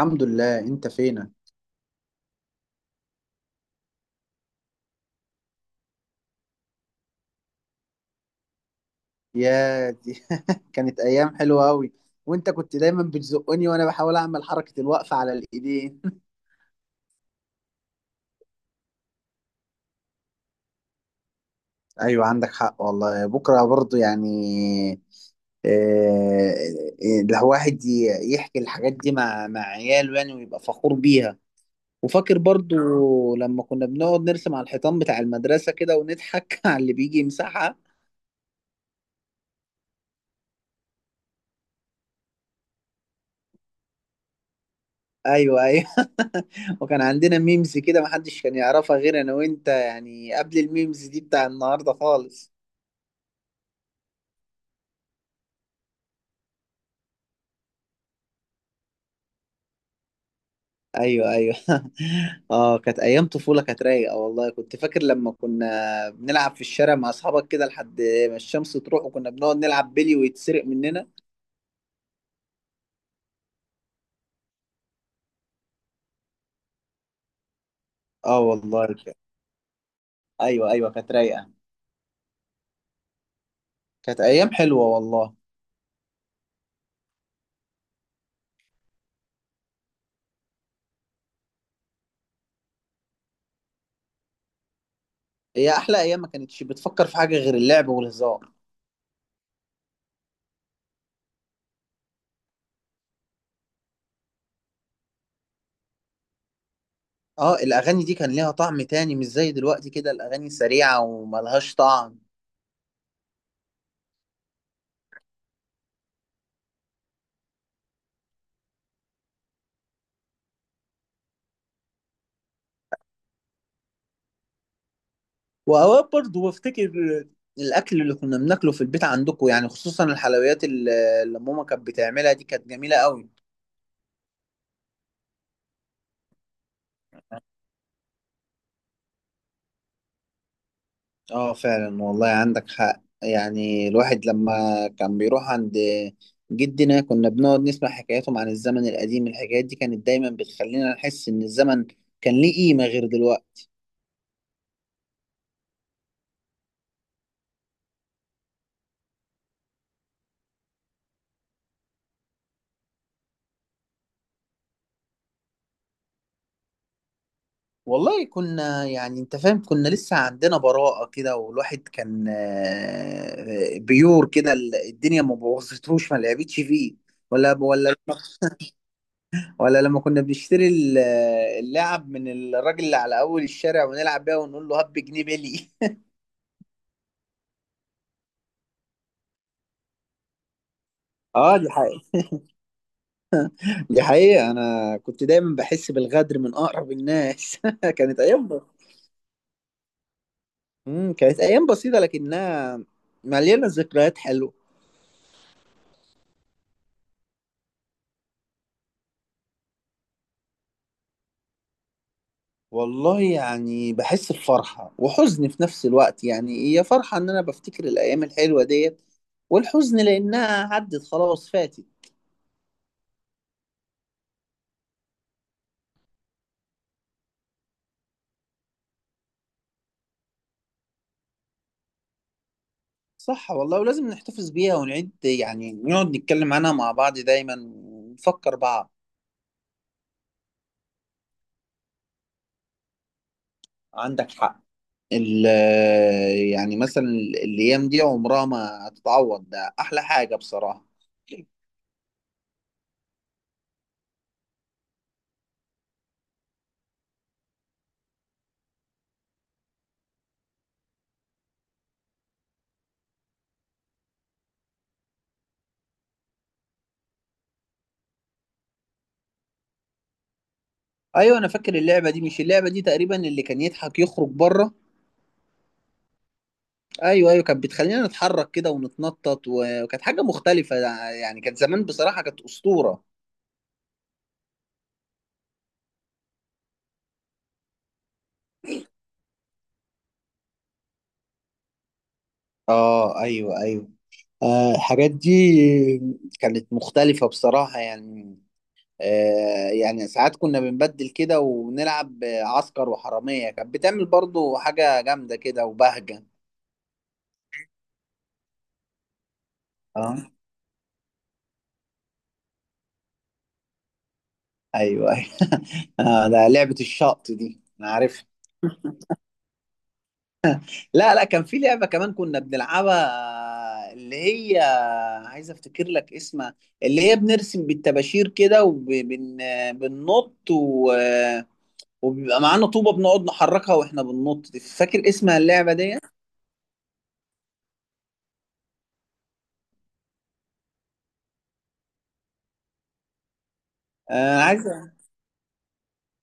الحمد لله. انت فينك؟ يا دي كانت ايام حلوه قوي. وانت كنت دايما بتزقني وانا بحاول اعمل حركه الوقفه على الايدين ايوه، عندك حق والله، بكره برضو يعني. الواحد يحكي الحاجات دي مع عياله يعني ويبقى فخور بيها. وفاكر برضو لما كنا بنقعد نرسم على الحيطان بتاع المدرسه كده ونضحك على اللي بيجي يمسحها. ايوه ايوه وكان عندنا ميمز كده محدش كان يعرفها غير انا وانت، يعني قبل الميمز دي بتاع النهارده خالص. ايوه ايوه اه كانت ايام طفوله كانت رايقه والله. كنت فاكر لما كنا بنلعب في الشارع مع اصحابك كده لحد ما الشمس تروح، وكنا بنقعد نلعب بيلي ويتسرق مننا. اه والله ايوه ايوه، كانت رايقه. كانت ايام حلوه والله. هي احلى ايام، ما كانتش بتفكر في حاجه غير اللعب والهزار. اه الاغاني دي كان ليها طعم تاني، مش زي دلوقتي كده الاغاني سريعه وملهاش طعم. واوقات برضه بفتكر الاكل اللي كنا بناكله في البيت عندكم، يعني خصوصا الحلويات اللي ماما كانت بتعملها دي، كانت جميله قوي. اه فعلا والله، عندك حق. يعني الواحد لما كان بيروح عند جدنا كنا بنقعد نسمع حكاياتهم عن الزمن القديم. الحكايات دي كانت دايما بتخلينا نحس ان الزمن كان ليه قيمه غير دلوقتي. والله كنا يعني انت فاهم، كنا لسه عندنا براءة كده، والواحد كان بيور كده. الدنيا ما بوظتهوش ما لعبتش فيه. ولا ولا لما كنا بنشتري اللعب من الراجل اللي على اول الشارع ونلعب بيها ونقول له هب جنيه بلي. اه دي حقيقة. دي حقيقة، انا كنت دايما بحس بالغدر من اقرب الناس كانت ايام كانت ايام بسيطة لكنها مليانة ذكريات حلوة. والله يعني بحس بفرحة وحزن في نفس الوقت، يعني هي فرحة إن أنا بفتكر الأيام الحلوة ديت، والحزن لأنها عدت خلاص فاتت. صح والله، ولازم نحتفظ بيها ونعيد يعني نقعد نتكلم عنها مع بعض دايما ونفكر بعض. عندك حق. ال يعني مثلا الأيام دي عمرها ما هتتعوض، ده أحلى حاجة بصراحة. أيوة أنا فاكر اللعبة دي، مش اللعبة دي تقريبا اللي كان يضحك يخرج بره. ايوه ايوه، كانت بتخلينا نتحرك كده ونتنطط وكانت حاجه مختلفه، يعني كانت زمان بصراحه كانت اسطوره. اه ايوه ايوه. آه الحاجات دي كانت مختلفه بصراحه يعني. آه يعني ساعات كنا بنبدل كده ونلعب عسكر وحراميه، كانت بتعمل برضو حاجه جامده كده وبهجه. اه ايوه ايوه آه ده لعبه الشط دي انا عارفها. لا لا، كان في لعبة كمان كنا بنلعبها، اللي هي عايز افتكر لك اسمها، اللي هي بنرسم بالطباشير كده وبننط وبيبقى معانا طوبة بنقعد نحركها واحنا بننط دي. فاكر اسمها اللعبة دي؟ آه عايز.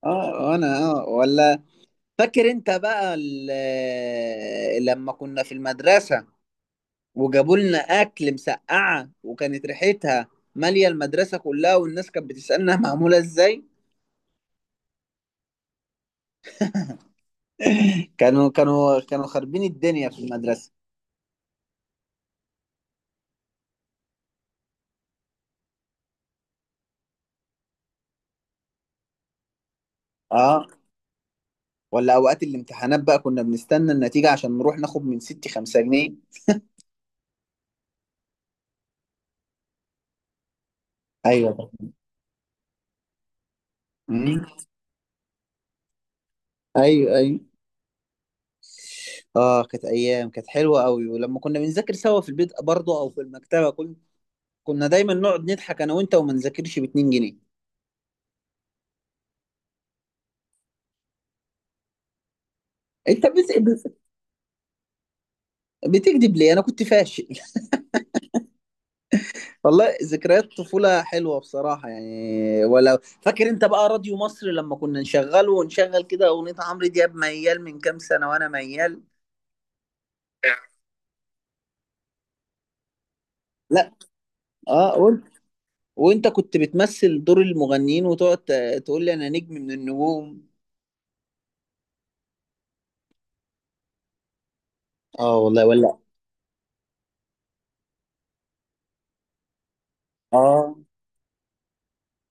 اه انا اه. ولا فاكر انت بقى لما كنا في المدرسة وجابوا لنا اكل مسقعة وكانت ريحتها مالية المدرسة كلها، والناس كانت بتسألنا معمولة ازاي؟ كانوا خاربين الدنيا في المدرسة. اه ولا اوقات الامتحانات بقى، كنا بنستنى النتيجة عشان نروح ناخد من ستي خمسة جنيه. ايوه ده. مم. ايوه ايوه. اه كانت ايام كانت حلوة قوي. ولما كنا بنذاكر سوا في البيت برضه او في المكتبة، كنا كنا دايما نقعد نضحك انا وانت وما نذاكرش ب 2 جنيه. انت بتكذب ليه، انا كنت فاشل. والله ذكريات طفولة حلوة بصراحة يعني. ولو فاكر انت بقى راديو مصر لما كنا نشغله ونشغل كده اغنية عمرو دياب ميال، من كام سنة، وانا ميال. لا اه. وانت كنت بتمثل دور المغنيين وتقعد تقول لي انا نجم من النجوم. اه والله. ولا اه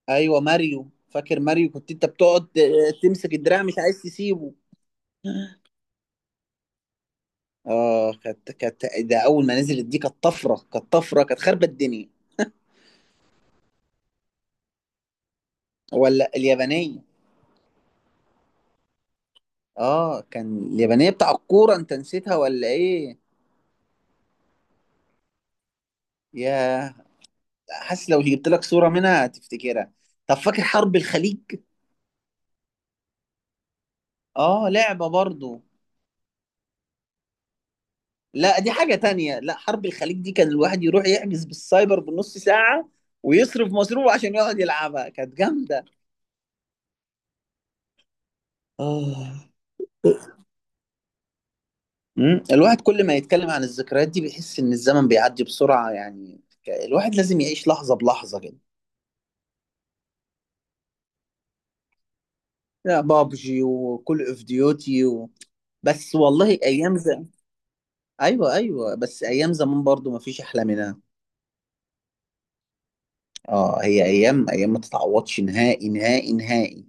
ايوه ماريو، فاكر ماريو كنت انت بتقعد تمسك الدراع مش عايز تسيبه. اه كانت كانت، ده اول ما نزلت دي كانت طفرة، كانت طفرة، كانت خربت الدنيا. ولا اليابانية. اه كان اليابانية بتاع الكورة انت نسيتها ولا ايه؟ يا حاسس لو جبت لك صورة منها هتفتكرها. طب فاكر حرب الخليج؟ اه لعبة برضو. لا دي حاجة تانية، لا حرب الخليج دي كان الواحد يروح يحجز بالسايبر بنص ساعة ويصرف مصروف عشان يقعد يلعبها، كانت جامدة. اه. مم. الواحد كل ما يتكلم عن الذكريات دي بيحس ان الزمن بيعدي بسرعة، يعني الواحد لازم يعيش لحظة بلحظة كده. لا بابجي وكل اوف ديوتي بس والله ايام. ايوه ايوه، بس ايام زمان برضو ما فيش احلى منها. اه هي ايام، ايام ما تتعوضش نهائي نهائي نهائي.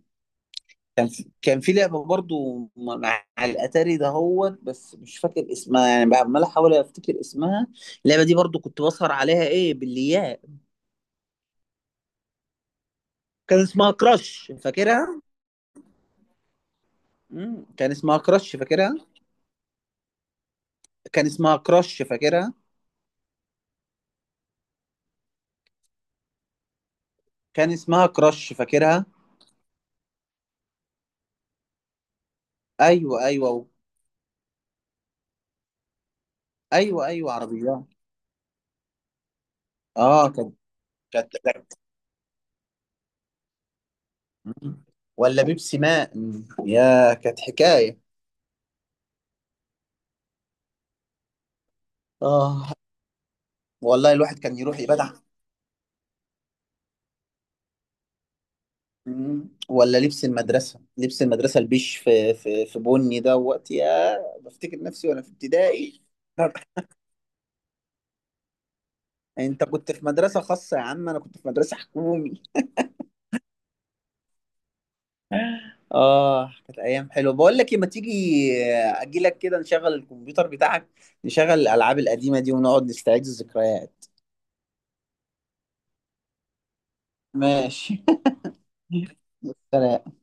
كان في لعبه برضو مع الاتاري ده هوت، بس مش فاكر اسمها، يعني عمال احاول افتكر اسمها. اللعبه دي برضو كنت بسهر عليها، ايه بالياء. كان اسمها كراش، فاكرها؟ مم. كان اسمها كراش، فاكرها؟ كان اسمها كراش، فاكرها؟ كان اسمها كراش، فاكرها؟ ايوه ايوه. ايوه ايوه عربيات. اه كانت كانت. مم. ولا بيبسي ماء. مم. يا كانت حكاية. اه والله الواحد كان يروح يبدع. مم. ولا لبس المدرسة، لبس المدرسة البيش في في في بني، ده وقت يا بفتكر نفسي وانا في ابتدائي. انت كنت في مدرسة خاصة يا عم، انا كنت في مدرسة حكومي. اه كانت ايام حلوه. بقول لك إيه، ما تيجي اجي لك كده نشغل الكمبيوتر بتاعك، نشغل الالعاب القديمه دي ونقعد نستعيد الذكريات. ماشي. سلام.